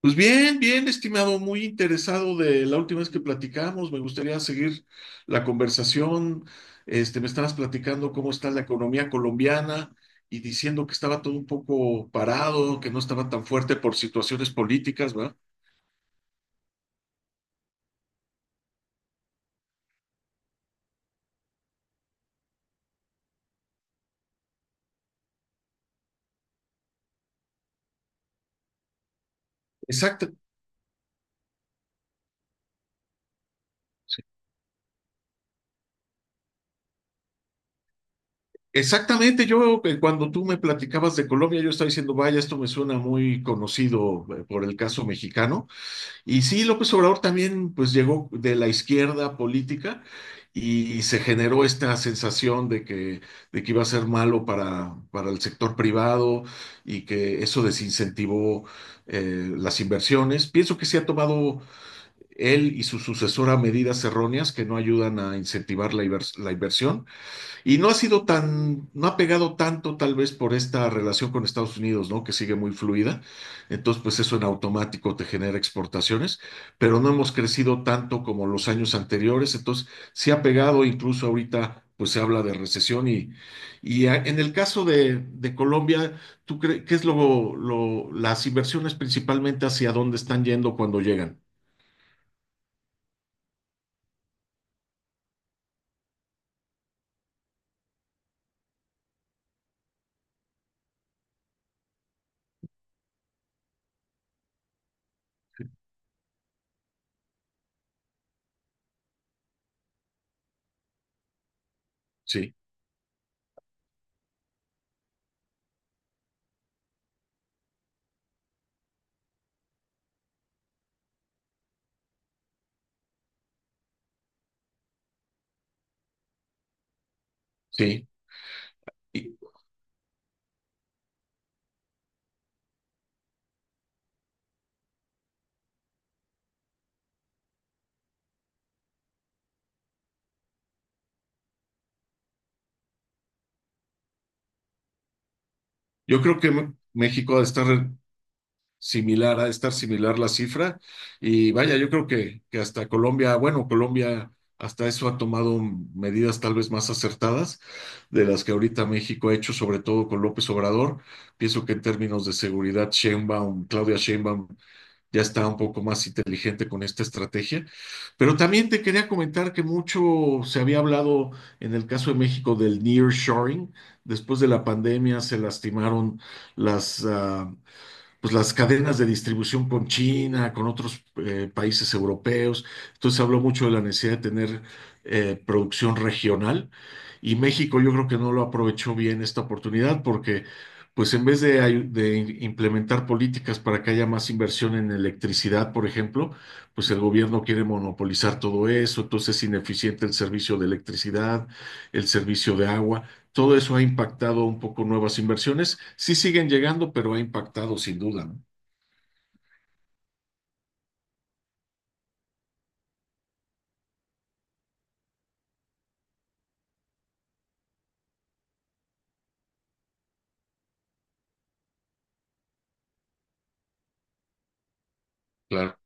Pues bien, bien, estimado, muy interesado de la última vez que platicamos. Me gustaría seguir la conversación. Me estabas platicando cómo está la economía colombiana y diciendo que estaba todo un poco parado, que no estaba tan fuerte por situaciones políticas, ¿verdad? Exacto. Exactamente, yo cuando tú me platicabas de Colombia, yo estaba diciendo, vaya, esto me suena muy conocido por el caso mexicano. Y sí, López Obrador también pues llegó de la izquierda política y se generó esta sensación de que iba a ser malo para el sector privado y que eso desincentivó las inversiones. Pienso que se ha tomado él y su sucesora medidas erróneas que no ayudan a incentivar la inversión y no ha sido no ha pegado tanto tal vez por esta relación con Estados Unidos, ¿no? Que sigue muy fluida. Entonces, pues eso en automático te genera exportaciones, pero no hemos crecido tanto como los años anteriores. Entonces, sí ha pegado, incluso ahorita, pues se habla de recesión. En el caso de Colombia, ¿tú crees qué es las inversiones principalmente hacia dónde están yendo cuando llegan? Sí, sí. Y yo creo que México ha de estar similar, ha de estar similar la cifra. Y vaya, yo creo que hasta Colombia, bueno, Colombia hasta eso ha tomado medidas tal vez más acertadas de las que ahorita México ha hecho, sobre todo con López Obrador. Pienso que en términos de seguridad, Sheinbaum, Claudia Sheinbaum ya está un poco más inteligente con esta estrategia. Pero también te quería comentar que mucho se había hablado en el caso de México del nearshoring. Después de la pandemia se lastimaron las, ah, pues las cadenas de distribución con China, con otros países europeos. Entonces se habló mucho de la necesidad de tener producción regional y México yo creo que no lo aprovechó bien esta oportunidad porque pues en vez de, ayu- de im- implementar políticas para que haya más inversión en electricidad, por ejemplo, pues el gobierno quiere monopolizar todo eso, entonces es ineficiente el servicio de electricidad, el servicio de agua todo eso ha impactado un poco nuevas inversiones. Sí siguen llegando, pero ha impactado sin duda, ¿no? Claro.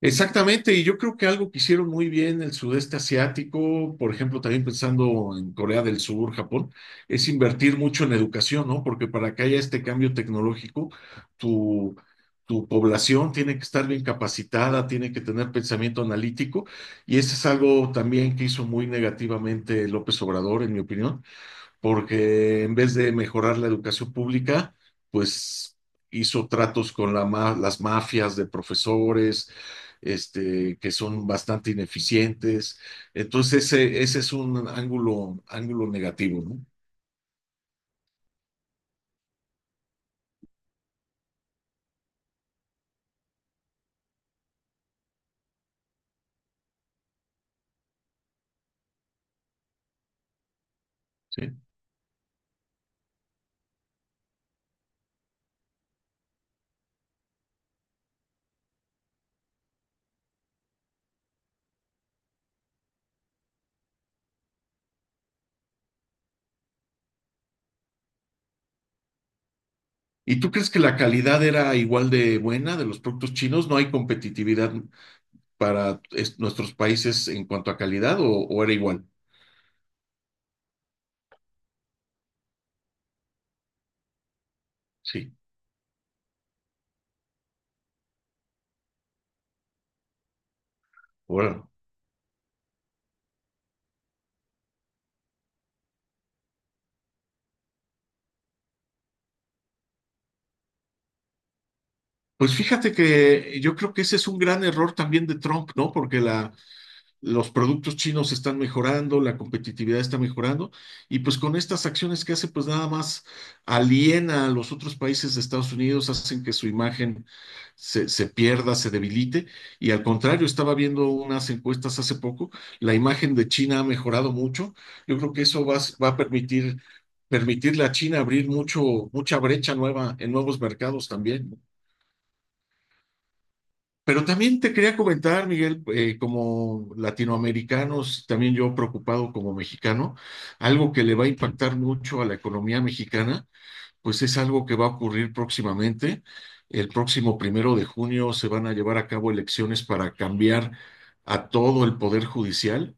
Exactamente, y yo creo que algo que hicieron muy bien el sudeste asiático, por ejemplo, también pensando en Corea del Sur, Japón, es invertir mucho en educación, ¿no? Porque para que haya este cambio tecnológico, tu, tu población tiene que estar bien capacitada, tiene que tener pensamiento analítico, y eso es algo también que hizo muy negativamente López Obrador, en mi opinión, porque en vez de mejorar la educación pública, pues hizo tratos con las mafias de profesores, que son bastante ineficientes. Entonces, ese es un ángulo negativo, ¿no? Sí. ¿Y tú crees que la calidad era igual de buena de los productos chinos? ¿No hay competitividad para nuestros países en cuanto a calidad o era igual? Sí. Bueno. Pues fíjate que yo creo que ese es un gran error también de Trump, ¿no? Porque los productos chinos están mejorando, la competitividad está mejorando, y pues con estas acciones que hace, pues nada más aliena a los otros países de Estados Unidos, hacen que su imagen se pierda, se debilite, y al contrario, estaba viendo unas encuestas hace poco, la imagen de China ha mejorado mucho, yo creo que eso va a permitirle a China abrir mucho, mucha brecha nueva en nuevos mercados también. Pero también te quería comentar, Miguel, como latinoamericanos, también yo preocupado como mexicano, algo que le va a impactar mucho a la economía mexicana, pues es algo que va a ocurrir próximamente. El próximo primero de junio se van a llevar a cabo elecciones para cambiar a todo el poder judicial.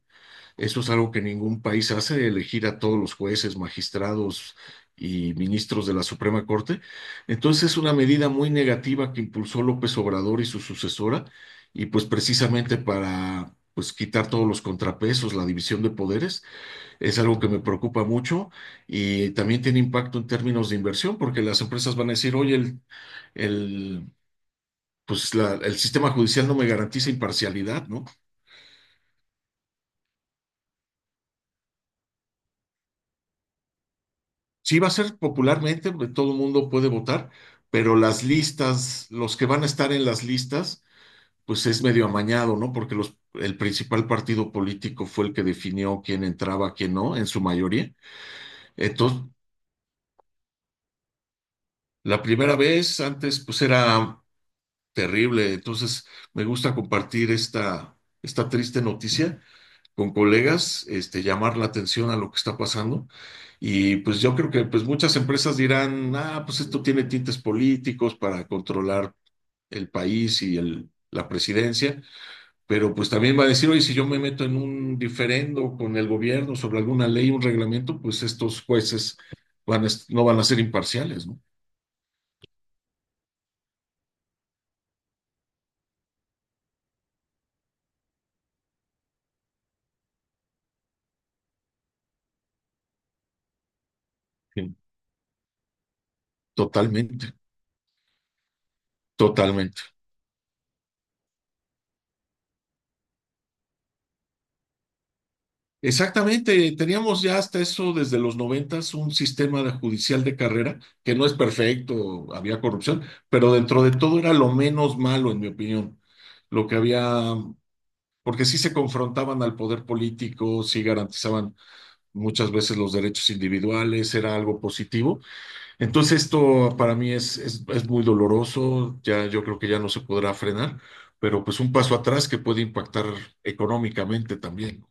Eso es algo que ningún país hace, elegir a todos los jueces, magistrados y ministros de la Suprema Corte. Entonces es una medida muy negativa que impulsó López Obrador y su sucesora, y pues precisamente para pues quitar todos los contrapesos, la división de poderes, es algo que me preocupa mucho y también tiene impacto en términos de inversión, porque las empresas van a decir, oye, el, pues el sistema judicial no me garantiza imparcialidad, ¿no? Sí, va a ser popularmente, todo el mundo puede votar, pero las listas, los que van a estar en las listas, pues es medio amañado, ¿no? Porque el principal partido político fue el que definió quién entraba, quién no, en su mayoría. Entonces, la primera vez antes, pues era terrible. Entonces, me gusta compartir esta triste noticia con colegas, llamar la atención a lo que está pasando. Y pues yo creo que pues muchas empresas dirán, ah, pues esto tiene tintes políticos para controlar el país y la presidencia, pero pues también va a decir, oye, si yo me meto en un diferendo con el gobierno sobre alguna ley, un reglamento, pues estos jueces van a no van a ser imparciales, ¿no? Sí. Totalmente, totalmente. Exactamente, teníamos ya hasta eso desde los noventas un sistema de judicial de carrera que no es perfecto, había corrupción, pero dentro de todo era lo menos malo, en mi opinión. Lo que había, porque sí se confrontaban al poder político, sí garantizaban muchas veces los derechos individuales, era algo positivo. Entonces esto para mí es muy doloroso, ya yo creo que ya no se podrá frenar, pero pues un paso atrás que puede impactar económicamente también.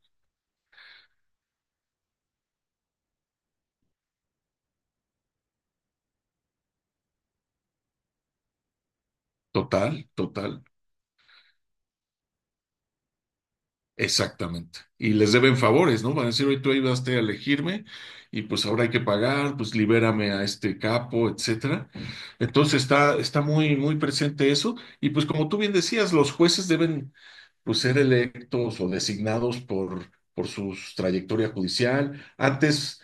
Total, total. Exactamente. Y les deben favores, ¿no? Van a decir, hoy tú ayudaste a elegirme y pues ahora hay que pagar, pues libérame a este capo, etcétera. Entonces está, está muy, muy presente eso. Y pues como tú bien decías, los jueces deben pues ser electos o designados por su trayectoria judicial. Antes,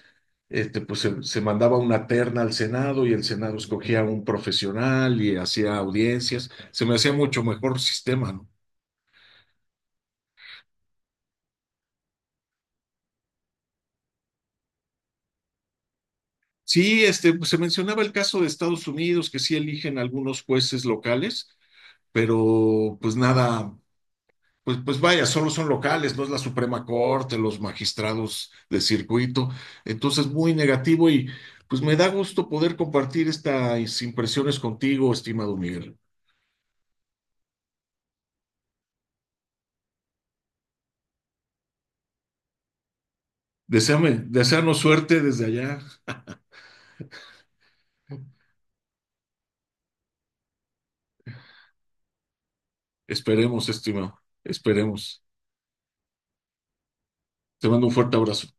pues se mandaba una terna al Senado y el Senado escogía a un profesional y hacía audiencias. Se me hacía mucho mejor sistema, ¿no? Sí, pues, se mencionaba el caso de Estados Unidos, que sí eligen algunos jueces locales, pero pues nada, pues vaya, solo son locales, no es la Suprema Corte, los magistrados de circuito. Entonces, muy negativo y pues me da gusto poder compartir estas impresiones contigo, estimado Miguel. Deseame, desearnos suerte desde allá. Esperemos, estimado, esperemos. Te mando un fuerte abrazo.